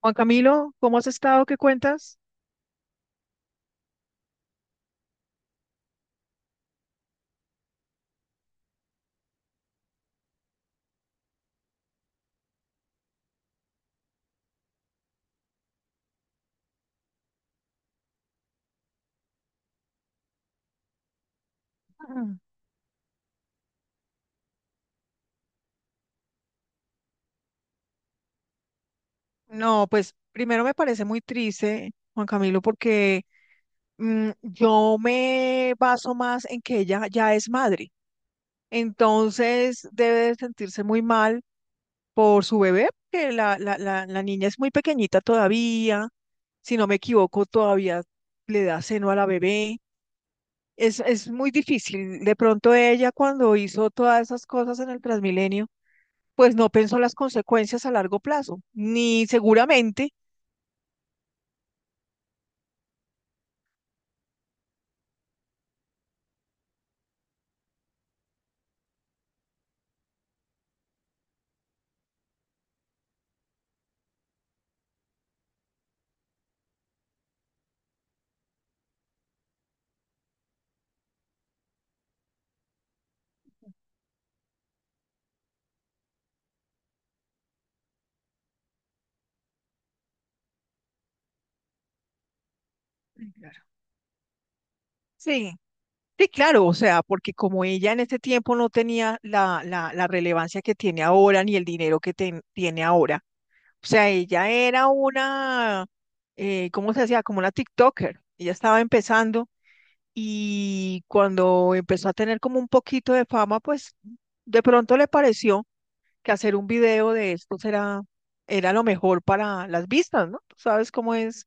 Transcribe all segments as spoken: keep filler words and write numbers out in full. Juan Camilo, ¿cómo has estado? ¿Qué cuentas? Ah. No, pues primero me parece muy triste, Juan Camilo, porque mm, yo me baso más en que ella ya es madre. Entonces debe de sentirse muy mal por su bebé, porque la, la, la, la niña es muy pequeñita todavía. Si no me equivoco, todavía le da seno a la bebé. Es, es muy difícil. De pronto ella cuando hizo todas esas cosas en el Transmilenio, pues no pensó las consecuencias a largo plazo, ni seguramente. Sí, claro. Sí, sí, claro, o sea, porque como ella en este tiempo no tenía la, la, la relevancia que tiene ahora, ni el dinero que ten- tiene ahora, o sea, ella era una, eh, ¿Cómo se decía? Como una TikToker, ella estaba empezando y cuando empezó a tener como un poquito de fama, pues de pronto le pareció que hacer un video de esto era, era lo mejor para las vistas, ¿no? Tú sabes cómo es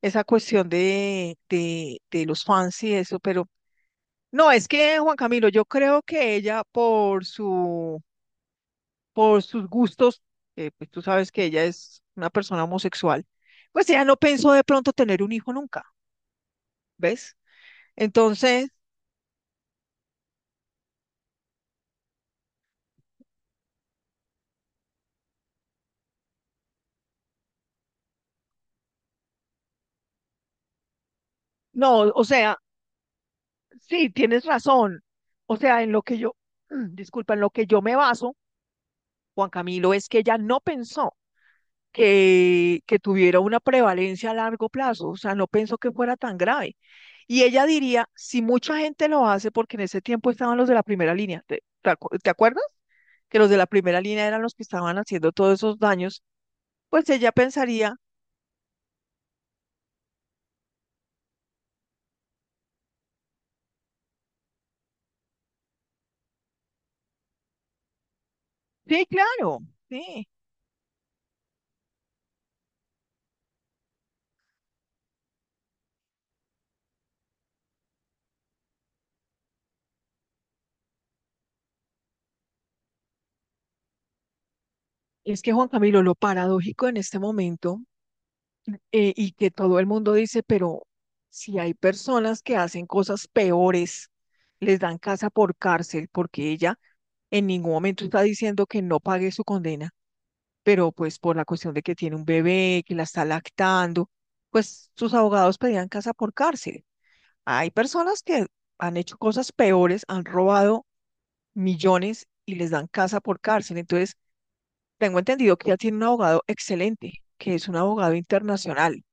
esa cuestión de, de, de los fans y eso, pero no, es que Juan Camilo, yo creo que ella por su, por sus gustos, eh, pues tú sabes que ella es una persona homosexual, pues ella no pensó de pronto tener un hijo nunca, ¿ves? Entonces, no, o sea, sí, tienes razón. O sea, en lo que yo, disculpa, en lo que yo me baso, Juan Camilo, es que ella no pensó que, que tuviera una prevalencia a largo plazo, o sea, no pensó que fuera tan grave. Y ella diría, si mucha gente lo hace, porque en ese tiempo estaban los de la primera línea, ¿te, te acu- te acuerdas? Que los de la primera línea eran los que estaban haciendo todos esos daños, pues ella pensaría, sí, claro, sí. Es que Juan Camilo, lo paradójico en este momento, eh, y que todo el mundo dice, pero si hay personas que hacen cosas peores, les dan casa por cárcel, porque ella en ningún momento está diciendo que no pague su condena, pero pues por la cuestión de que tiene un bebé, que la está lactando, pues sus abogados pedían casa por cárcel. Hay personas que han hecho cosas peores, han robado millones y les dan casa por cárcel. Entonces, tengo entendido que ella tiene un abogado excelente, que es un abogado internacional.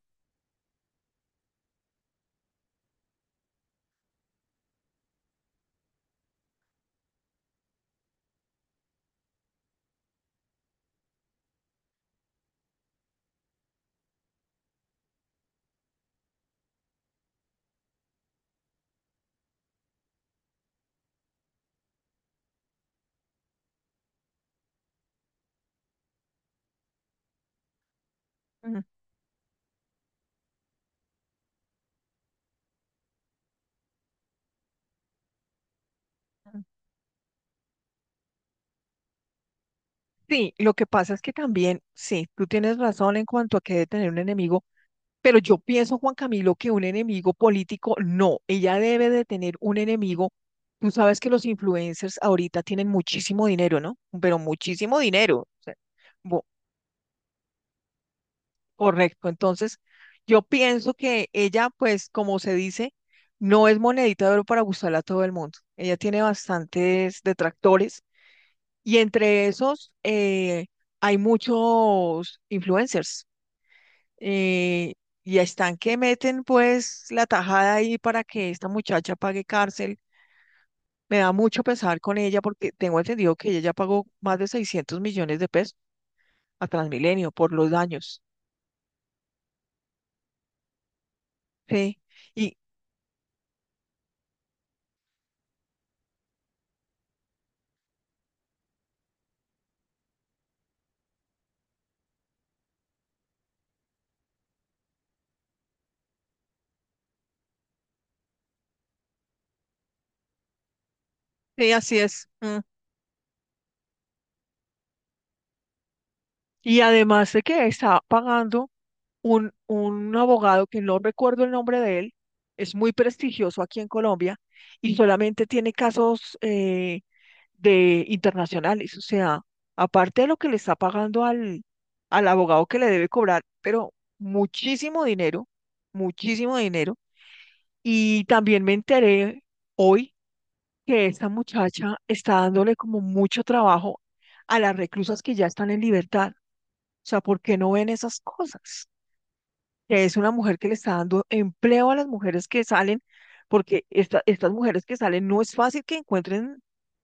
Ujú. Sí, lo que pasa es que también, sí, tú tienes razón en cuanto a que debe tener un enemigo, pero yo pienso, Juan Camilo, que un enemigo político, no, ella debe de tener un enemigo. Tú sabes que los influencers ahorita tienen muchísimo dinero, ¿no? Pero muchísimo dinero, o sea, bo- correcto. Entonces, yo pienso que ella, pues, como se dice, no es monedita de oro para gustarle a todo el mundo. Ella tiene bastantes detractores y entre esos eh, hay muchos influencers eh, y están que meten pues la tajada ahí para que esta muchacha pague cárcel. Me da mucho pesar con ella porque tengo entendido que ella ya pagó más de seiscientos millones de pesos a Transmilenio por los daños. Sí, y sí, así es. mm. Y además de que está pagando un, un abogado que no recuerdo el nombre de él, es muy prestigioso aquí en Colombia y solamente tiene casos eh, de internacionales, o sea, aparte de lo que le está pagando al, al abogado que le debe cobrar, pero muchísimo dinero, muchísimo dinero. Y también me enteré hoy que esta muchacha está dándole como mucho trabajo a las reclusas que ya están en libertad. O sea, ¿por qué no ven esas cosas? Que es una mujer que le está dando empleo a las mujeres que salen, porque esta- estas mujeres que salen no es fácil que encuentren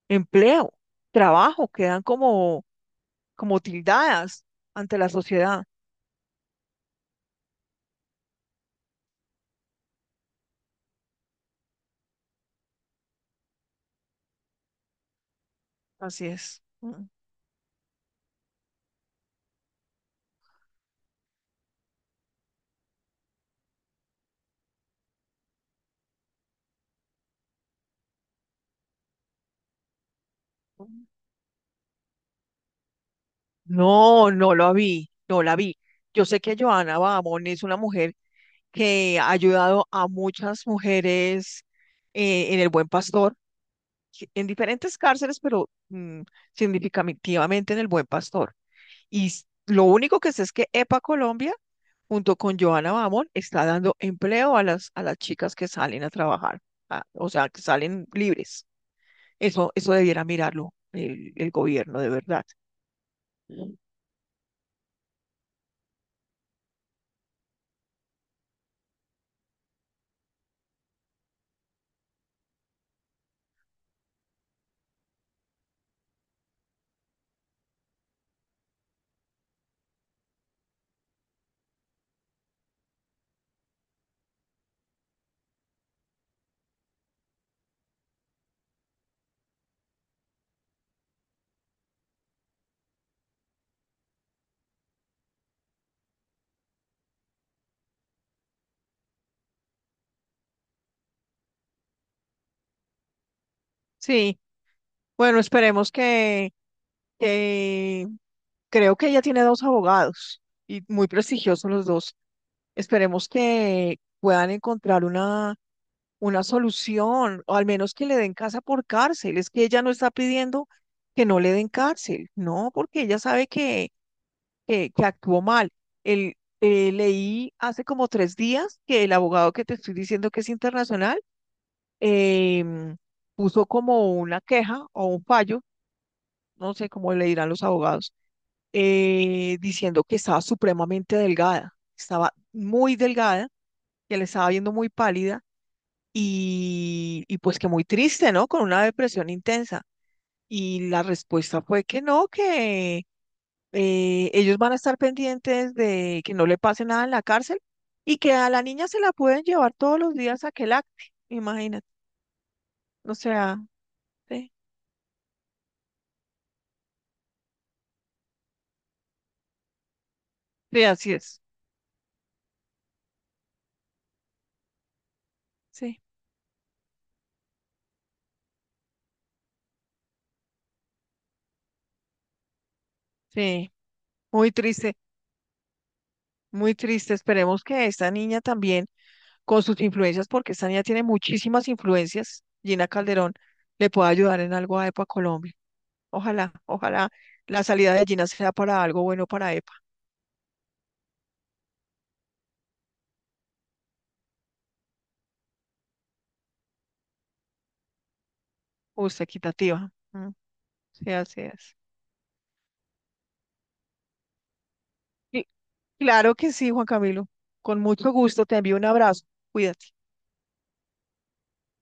empleo, trabajo, quedan como, como tildadas ante la sociedad. Así es. Mm. No, no lo vi, no la vi. Yo sé que Joana Babón es una mujer que ha ayudado a muchas mujeres eh, en el Buen Pastor, sí, en diferentes cárceles, pero mm, significativamente en el Buen Pastor. Y s- lo único que sé es que EPA Colombia, junto con Joana Bamón, está dando empleo a las, a las chicas que salen a trabajar, a- o sea, que salen libres. Eso, eso debiera mirarlo el, el gobierno, de verdad. Sí, bueno, esperemos que, que- creo que ella tiene dos abogados y muy prestigiosos los dos. Esperemos que puedan encontrar una una solución, o al menos que le den casa por cárcel. Es que ella no está pidiendo que no le den cárcel, no, porque ella sabe que, que, que actuó mal. El, eh, Leí hace como tres días que el abogado que te estoy diciendo que es internacional em, puso como una queja o un fallo, no sé cómo le dirán los abogados, eh, diciendo que estaba supremamente delgada, estaba muy delgada, que le estaba viendo muy pálida y, y pues que muy triste, ¿no? Con una depresión intensa. Y la respuesta fue que no, que eh, ellos van a estar pendientes de que no le pase nada en la cárcel y que a la niña se la pueden llevar todos los días a Quelacte, imagínate. O sea, sí, sí, así es. Sí, sí, muy triste, muy triste. Esperemos que esta niña también, con sus influencias, porque esta niña tiene muchísimas influencias, Gina Calderón, le pueda ayudar en algo a EPA Colombia. Ojalá, ojalá la salida de Gina sea para algo bueno para EPA, justa, equitativa. Mm. Sí, así es. Y claro que sí, Juan Camilo. Con mucho gusto, te envío un abrazo. Cuídate.